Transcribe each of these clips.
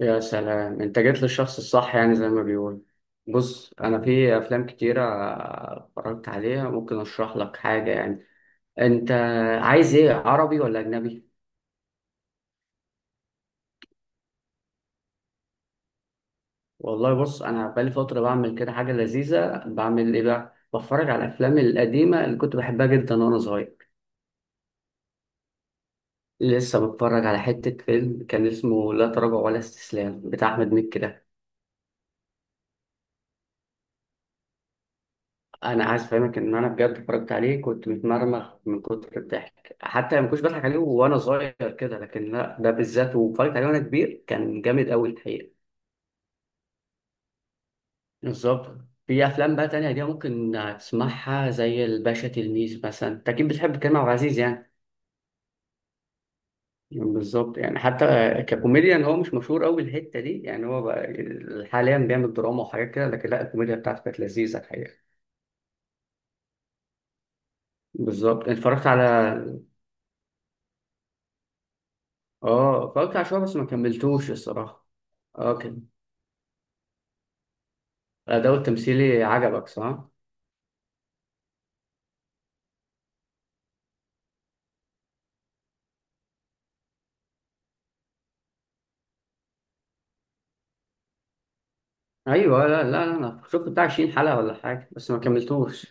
يا سلام، انت جيت للشخص الصح، يعني زي ما بيقول. بص، انا في افلام كتيرة اتفرجت عليها، ممكن اشرح لك حاجة يعني. انت عايز ايه، عربي ولا اجنبي؟ والله بص، انا بقالي فترة بعمل كده حاجة لذيذة. بعمل ايه بقى؟ بتفرج على الافلام القديمة اللي كنت بحبها جدا وانا صغير. لسه بتفرج على حتة فيلم كان اسمه لا تراجع ولا استسلام بتاع احمد مكي ده. انا عايز افهمك ان انا بجد اتفرجت عليه، كنت متمرمغ من كتر الضحك. حتى ما كنتش بضحك عليه وانا صغير كده، لكن لا ده بالذات، واتفرجت عليه وانا كبير، كان جامد قوي الحقيقه. بالظبط. في افلام بقى تانية دي ممكن تسمعها، زي الباشا تلميذ مثلا. انت اكيد بتحب كريم عبد العزيز يعني. بالظبط. يعني حتى ككوميديان هو مش مشهور قوي الحته دي، يعني هو بقى حاليا بيعمل دراما وحاجات كده، لكن لا، الكوميديا بتاعته كانت لذيذه الحقيقه. بالظبط اتفرجت على. اه اتفرجت على شوية بس ما كملتوش الصراحة. اه كان. الأداء التمثيلي عجبك صح؟ أيوه. لا لا لا، أنا شفت بتاع 20 حلقة ولا حاجة بس ما كملتوش.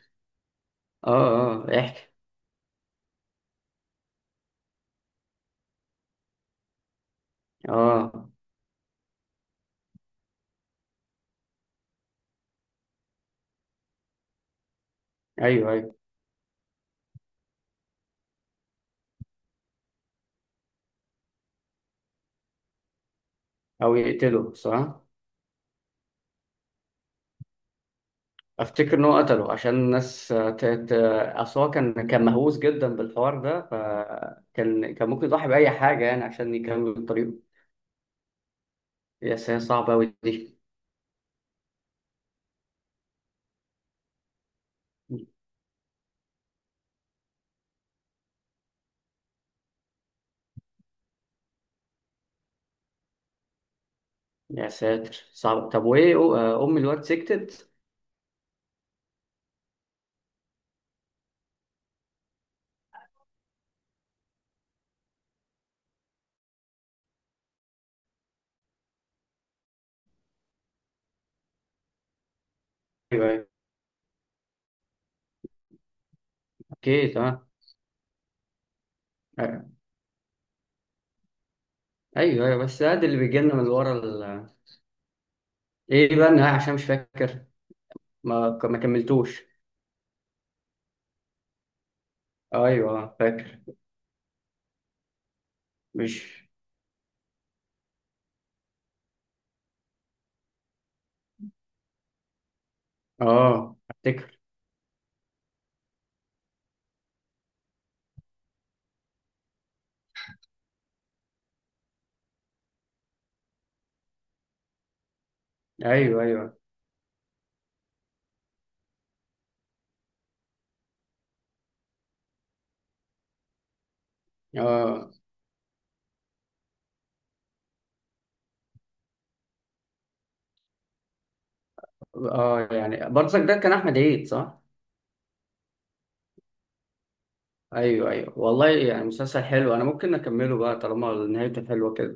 اه، اه احكي. اه. أيوه أيوه. أو يقتله صح؟ أفتكر إن هو قتله عشان الناس، أصل هو كان مهووس جدا بالحوار ده، فكان ممكن يضحي بأي حاجة يعني عشان يكمل طريقه. يا ساتر صعبة أوي دي. يا ساتر صعبة. طب وإيه أم الواد سكتت؟ أيوه أيوه. أوكي تمام. ايوه ايوه، بس ده اللي بيجي لنا من ورا ايه بقى النهايه؟ عشان مش فاكر. ما كملتوش. ايوه فاكر. مش. اه افتكر. ايوه ايوه. اه اه. يعني برضك ده كان احمد عيد صح؟ ايوه ايوه، والله يعني مسلسل حلو، انا ممكن اكمله بقى طالما نهايته حلوه كده.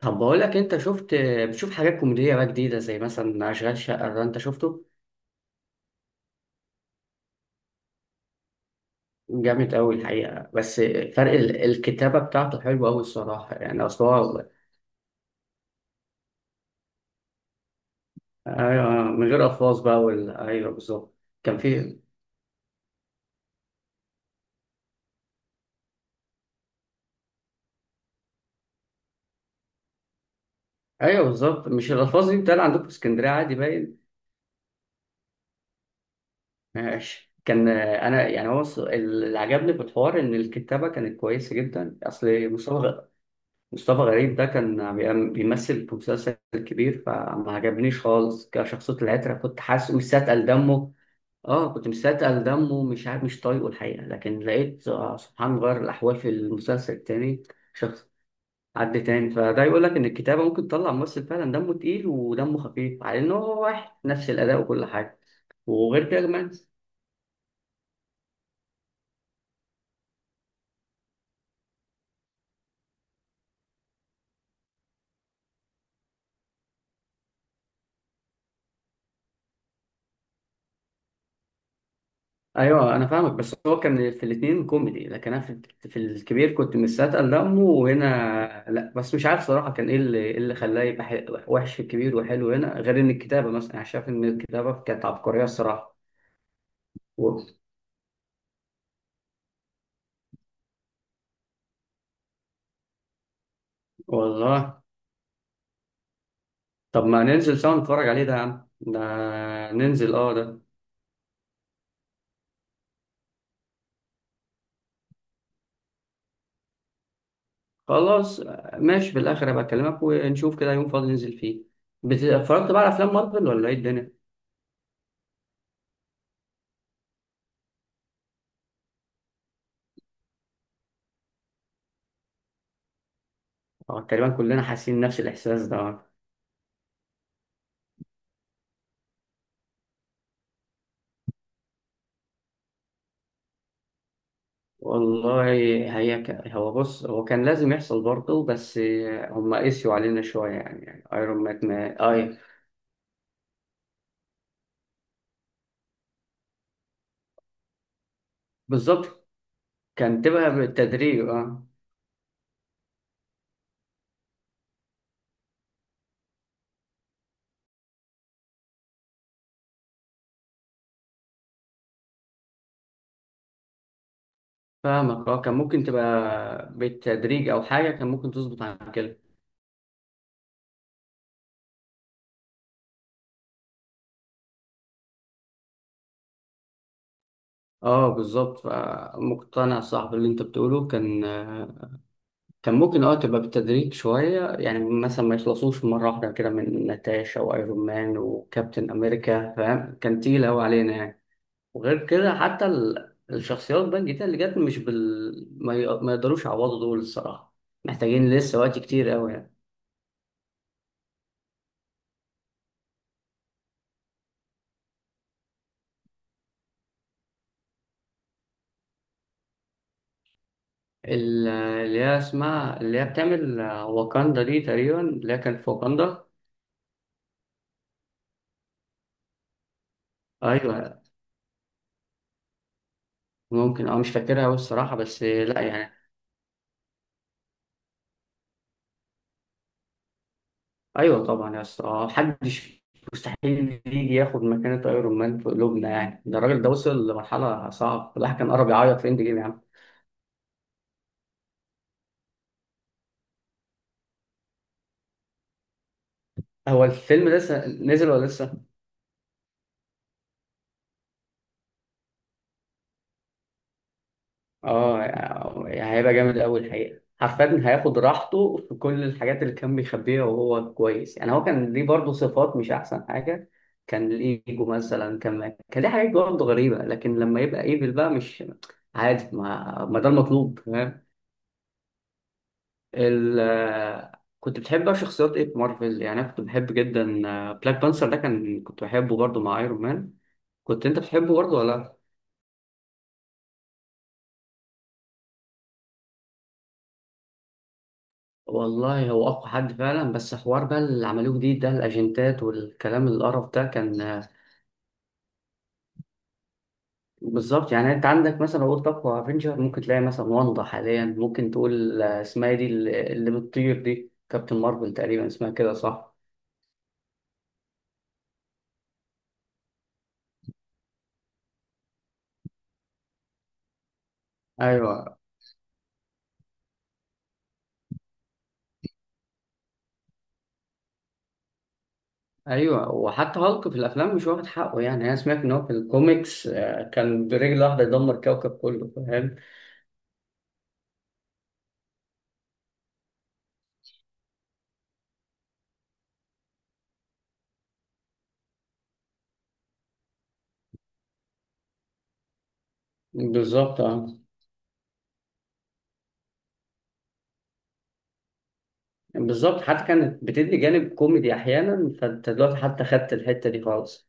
طب بقول لك، انت شفت؟ بتشوف حاجات كوميديه بقى جديده، زي مثلا اشغال شقه ده، انت شفته؟ جامد قوي الحقيقه بس. فرق الكتابه بتاعته حلوه قوي الصراحه يعني اصلا. ايوه، من غير الفاظ بقى ايوه بالظبط. كان في. ايوه بالظبط، مش الالفاظ دي بتتقال عندكم في اسكندريه عادي، باين. ماشي كان انا يعني هو اللي عجبني في الحوار ان الكتابه كانت كويسه جدا. اصل مصطفى غريب ده كان بيمثل في مسلسل كبير، فما عجبنيش خالص كشخصيه العتره، كنت حاسس مستثقل دمه. اه كنت مستثقل دمه، مش عارف مش طايقه الحقيقه. لكن لقيت سبحان غير الاحوال في المسلسل التاني. حد تاني، فده يقول لك ان الكتابه ممكن تطلع ممثل فعلا دمه تقيل ودمه خفيف على انه هو واحد، نفس الاداء وكل حاجه. وغير كده كمان. ايوه انا فاهمك، بس هو كان في الاثنين كوميدي، لكن انا في الكبير كنت مستثقل دمه وهنا لا. بس مش عارف صراحه كان ايه اللي إيه اللي خلاه يبقى وحش في الكبير وحلو هنا. غير ان الكتابه، مثلا انا شايف ان الكتابه كانت عبقريه الصراحه. و- والله. طب ما ننزل سوا نتفرج عليه ده يا عم ده، ننزل اه ده. خلاص ماشي، في الاخر هبقى اكلمك، ونشوف كده يوم فاضي ننزل فيه. اتفرجت بقى على افلام مارفل ولا ايه الدنيا؟ اه تقريبا كلنا حاسين نفس الاحساس ده. والله. هي هو بص، هو كان لازم يحصل برضه، بس هم قسيوا علينا شويه يعني، يعني ايرون مان ما... اي بالظبط، كان تبقى بالتدريج اه. فاهمك، اه كان ممكن تبقى بالتدريج او حاجه، كان ممكن تظبط عن كده. اه بالظبط، فمقتنع صاحب اللي انت بتقوله. كان ممكن اه تبقى بالتدريج شوية، يعني مثلا ما يخلصوش مرة واحدة كده من ناتاشا وايرون مان وكابتن امريكا فاهم، كان تقيل اوي علينا يعني. وغير كده، حتى الشخصيات بقى الجديدة اللي جت مش بال ما يقدروش يعوضوا دول الصراحة، محتاجين لسه وقت كتير اوي يعني. اللي هي اسمها، اللي هي بتعمل واكاندا دي تقريبا، اللي هي كانت في واكاندا. ايوه ممكن، اه مش فاكرها اوي الصراحة، بس لا يعني. ايوه طبعا يا اسطى، محدش مستحيل يجي ياخد مكانة ايرون مان في قلوبنا يعني، ده الراجل ده وصل لمرحلة صعبة، الواحد كان قرب يعيط في اند جيم يا عم. هو الفيلم لسه نزل ولا لسه؟ اه. يعني هيبقى جامد أوي الحقيقة، حرفيا هياخد راحته في كل الحاجات اللي كان بيخبيها وهو كويس، يعني هو كان ليه برضه صفات مش أحسن حاجة. كان الإيجو مثلا، كان ليه حاجات برضه غريبة، لكن لما يبقى إيفل بقى مش عادي ما ده المطلوب. ال كنت بتحب بقى شخصيات ايه في مارفل؟ يعني انا كنت بحب جدا بلاك بانثر ده، كان كنت بحبه برضه مع ايرون مان. كنت انت بتحبه برضه ولا لا؟ والله هو اقوى حد فعلا، بس حوار بقى اللي عملوه جديد ده، الاجنتات والكلام القرف ده كان بالظبط. يعني انت عندك مثلا لو قلت اقوى افنجر، ممكن تلاقي مثلا واندا حاليا، ممكن تقول اسمها إيه دي اللي بتطير دي، كابتن مارفل تقريبا اسمها كده صح؟ ايوه ايوه، وحتى هالك في الافلام مش واخد حقه، يعني انا سمعت ان هو في الكوميكس كان برجل واحده يدمر كوكب كله فاهم. بالظبط. اه بالظبط، حتى كانت بتدي جانب كوميدي احيانا، فانت دلوقتي حتى خدت الحته دي خالص.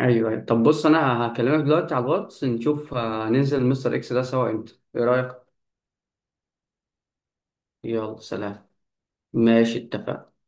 ايوه أيوة. طب بص، انا هكلمك دلوقتي على الواتس نشوف ننزل مستر اكس ده سوا امتى، ايه رايك؟ يلا سلام. ماشي اتفقنا.